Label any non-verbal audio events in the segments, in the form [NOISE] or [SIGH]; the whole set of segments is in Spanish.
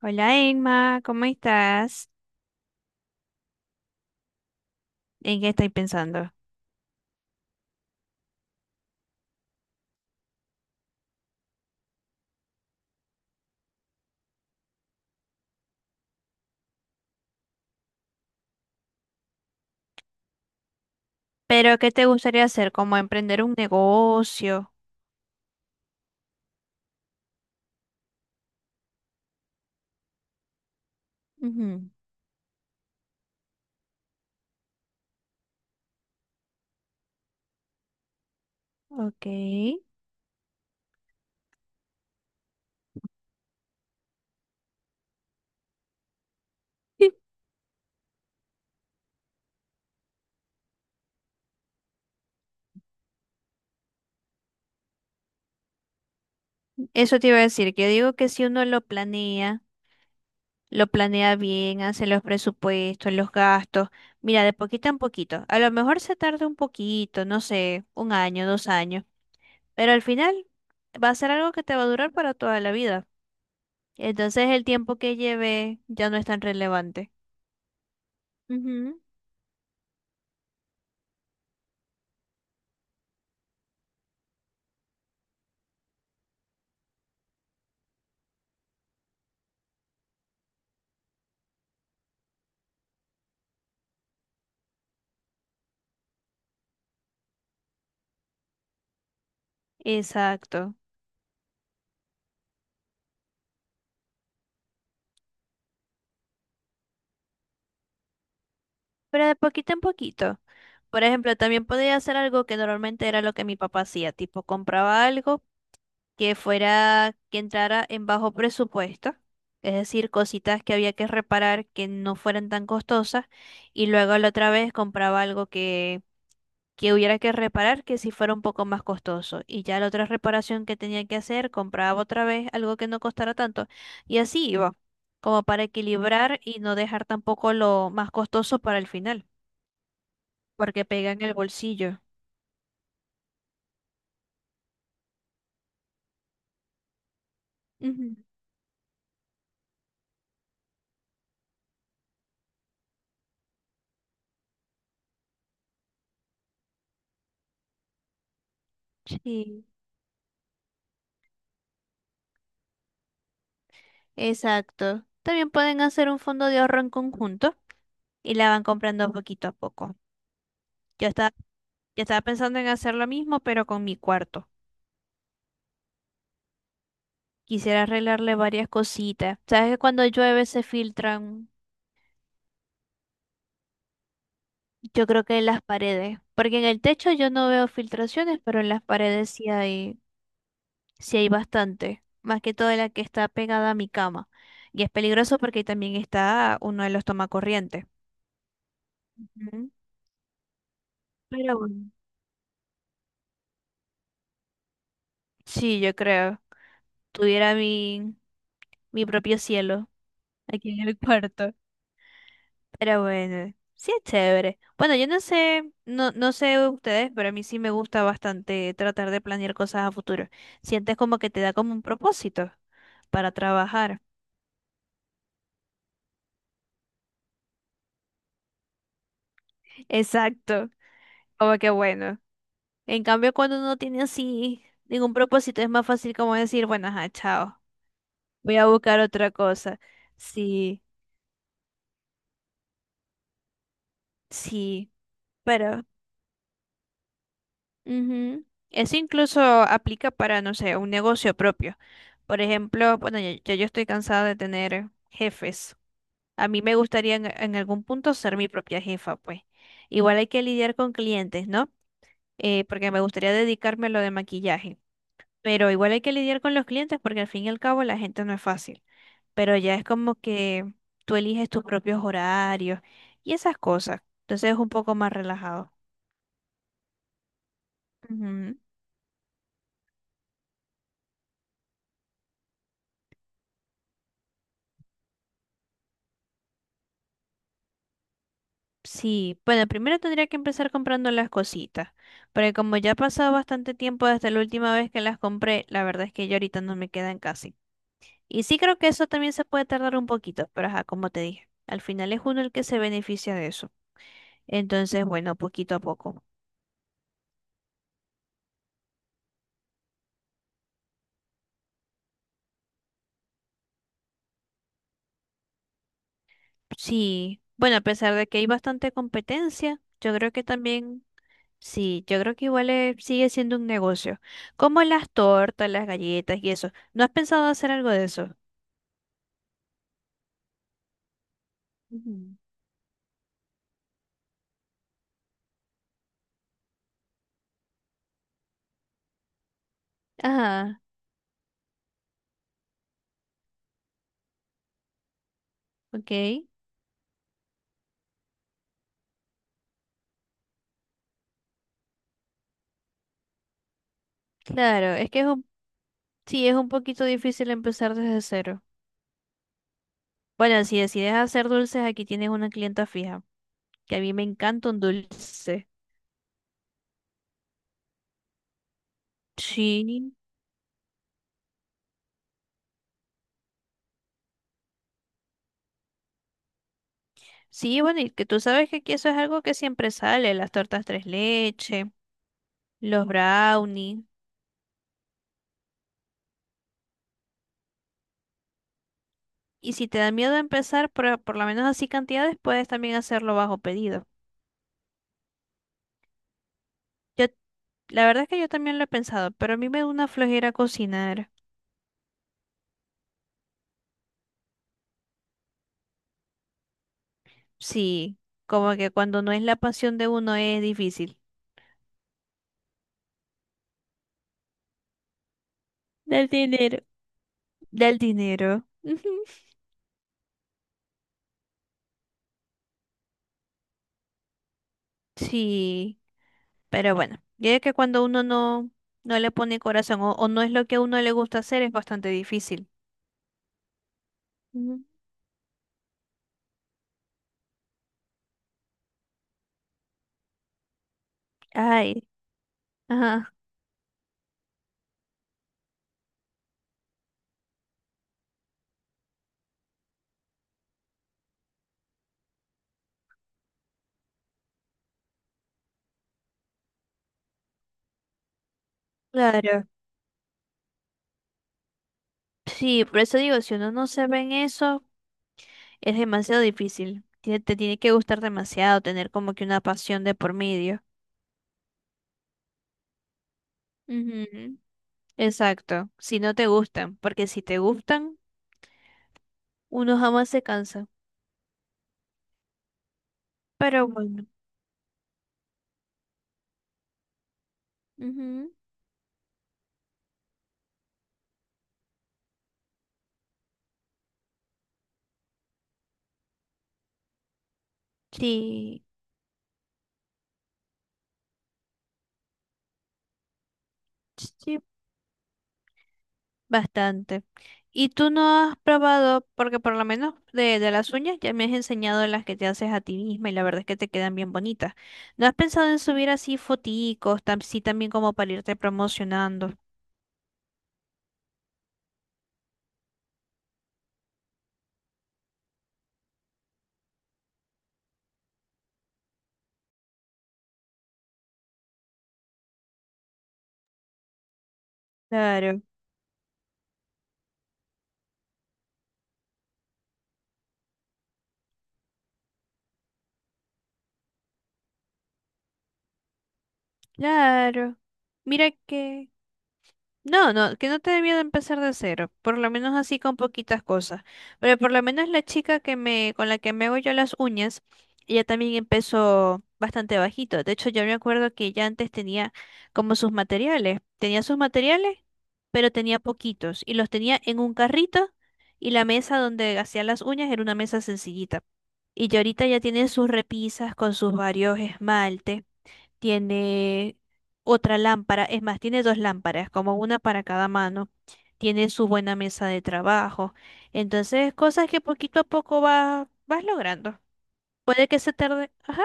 Hola Emma, ¿cómo estás? ¿En qué estoy pensando? ¿Pero qué te gustaría hacer? ¿Como emprender un negocio? Ujú. Ok. [LAUGHS] Eso te iba a decir, que yo digo que si uno lo planea bien, hace los presupuestos, los gastos, mira, de poquito en poquito. A lo mejor se tarda un poquito, no sé, un año, dos años, pero al final va a ser algo que te va a durar para toda la vida. Entonces el tiempo que lleve ya no es tan relevante. Ujú. Exacto. Pero de poquito en poquito. Por ejemplo, también podía hacer algo que normalmente era lo que mi papá hacía, tipo compraba algo que fuera, que entrara en bajo presupuesto, es decir, cositas que había que reparar que no fueran tan costosas, y luego la otra vez compraba algo que hubiera que reparar que sí fuera un poco más costoso, y ya la otra reparación que tenía que hacer, compraba otra vez algo que no costara tanto, y así iba, como para equilibrar y no dejar tampoco lo más costoso para el final porque pega en el bolsillo. Ujú. Sí, exacto. También pueden hacer un fondo de ahorro en conjunto y la van comprando poquito a poco. Yo estaba, yo estaba pensando en hacer lo mismo, pero con mi cuarto. Quisiera arreglarle varias cositas. ¿Sabes que cuando llueve se filtran? Yo creo que en las paredes, porque en el techo yo no veo filtraciones, pero en las paredes sí hay bastante, más que todo la que está pegada a mi cama. Y es peligroso porque ahí también está uno de los tomacorrientes. Ujú. Pero bueno, sí, yo creo. Tuviera mi propio cielo aquí en el [LAUGHS] cuarto. Pero bueno, sí es chévere. Bueno, yo no sé, no sé ustedes, pero a mí sí me gusta bastante tratar de planear cosas a futuro. Sientes como que te da como un propósito para trabajar. Exacto. Como que bueno. En cambio, cuando uno tiene así ningún propósito, es más fácil como decir, bueno, ajá, chao. Voy a buscar otra cosa. Sí, sí. Pero. Ujú. Eso incluso aplica para, no sé, un negocio propio. Por ejemplo, bueno, ya yo estoy cansada de tener jefes. A mí me gustaría en algún punto ser mi propia jefa, pues. Igual hay que lidiar con clientes, ¿no? Porque me gustaría dedicarme a lo de maquillaje. Pero igual hay que lidiar con los clientes porque al fin y al cabo la gente no es fácil. Pero ya es como que tú eliges tus propios horarios y esas cosas. Entonces es un poco más relajado. Ujú. Sí, bueno, primero tendría que empezar comprando las cositas, porque como ya ha pasado bastante tiempo desde la última vez que las compré, la verdad es que ya ahorita no me quedan casi. Y sí creo que eso también se puede tardar un poquito, pero ajá, como te dije, al final es uno el que se beneficia de eso. Entonces, bueno, poquito a poco. Sí, bueno, a pesar de que hay bastante competencia, yo creo que también, sí, yo creo que igual sigue siendo un negocio. Como las tortas, las galletas y eso. ¿No has pensado hacer algo de eso? Ujú. Ajá. Ok, claro, es que es un, sí, es un poquito difícil empezar desde cero. Bueno, si decides hacer dulces, aquí tienes una clienta fija, que a mí me encanta un dulce. Sí, sí, bueno, y que tú sabes que aquí eso es algo que siempre sale, las tortas tres leche, los brownies. Y si te da miedo empezar por lo menos así cantidades, puedes también hacerlo bajo pedido. Yo, la verdad es que yo también lo he pensado, pero a mí me da una flojera cocinar. Sí, como que cuando no es la pasión de uno es difícil. Del dinero. Del dinero. Ujú. Sí, pero bueno, ya es que cuando uno no le pone corazón o no es lo que a uno le gusta hacer es bastante difícil. Ujú. Ay, ajá, claro. Sí, por eso digo, si uno no se ve en eso, es demasiado difícil. Tiene que gustar demasiado, tener como que una pasión de por medio. Ujú. Exacto, si no te gustan, porque si te gustan, uno jamás se cansa. Pero bueno, ujú. Sí. Sí, bastante. ¿Y tú no has probado, porque por lo menos de las uñas ya me has enseñado las que te haces a ti misma y la verdad es que te quedan bien bonitas? ¿No has pensado en subir así foticos, sí también como para irte promocionando? Claro, claro. Mira que... No, no, que no te debía de empezar de cero, por lo menos así con poquitas cosas. Pero por lo menos la chica con la que me hago yo las uñas, ella también empezó bastante bajito. De hecho, yo me acuerdo que ella antes tenía como sus materiales. Tenía sus materiales, pero tenía poquitos. Y los tenía en un carrito y la mesa donde hacía las uñas era una mesa sencillita. Y ya ahorita ya tiene sus repisas con sus varios esmaltes, tiene otra lámpara, es más, tiene dos lámparas, como una para cada mano, tiene su buena mesa de trabajo, entonces cosas que poquito a poco vas logrando. Puede que se tarde, ajá,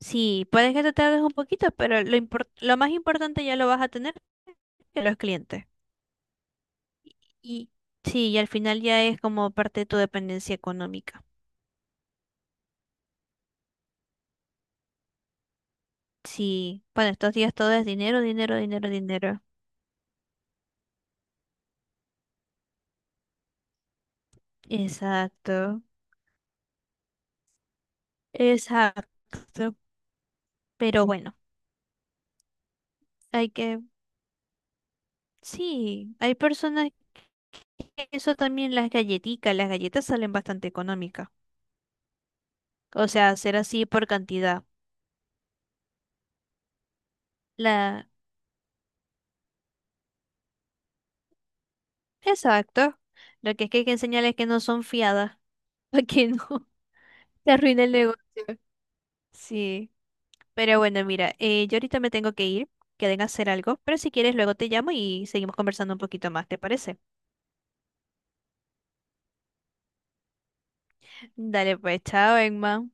sí, puede que te tardes un poquito, pero lo más importante ya lo vas a tener que los clientes. Y sí, y al final ya es como parte de tu dependencia económica. Sí, bueno, estos días todo es dinero, dinero, dinero, dinero. Exacto, exacto. Pero bueno, hay que sí, hay personas que eso también las galletitas, las galletas salen bastante económicas. O sea, hacer así por cantidad. La, exacto. Lo que es que hay que enseñarles que no son fiadas, [LAUGHS] para que no [LAUGHS] te arruine el negocio. Sí, pero bueno, mira, yo ahorita me tengo que ir, que deben hacer algo, pero si quieres luego te llamo y seguimos conversando un poquito más, ¿te parece? Dale pues, chao, Emma.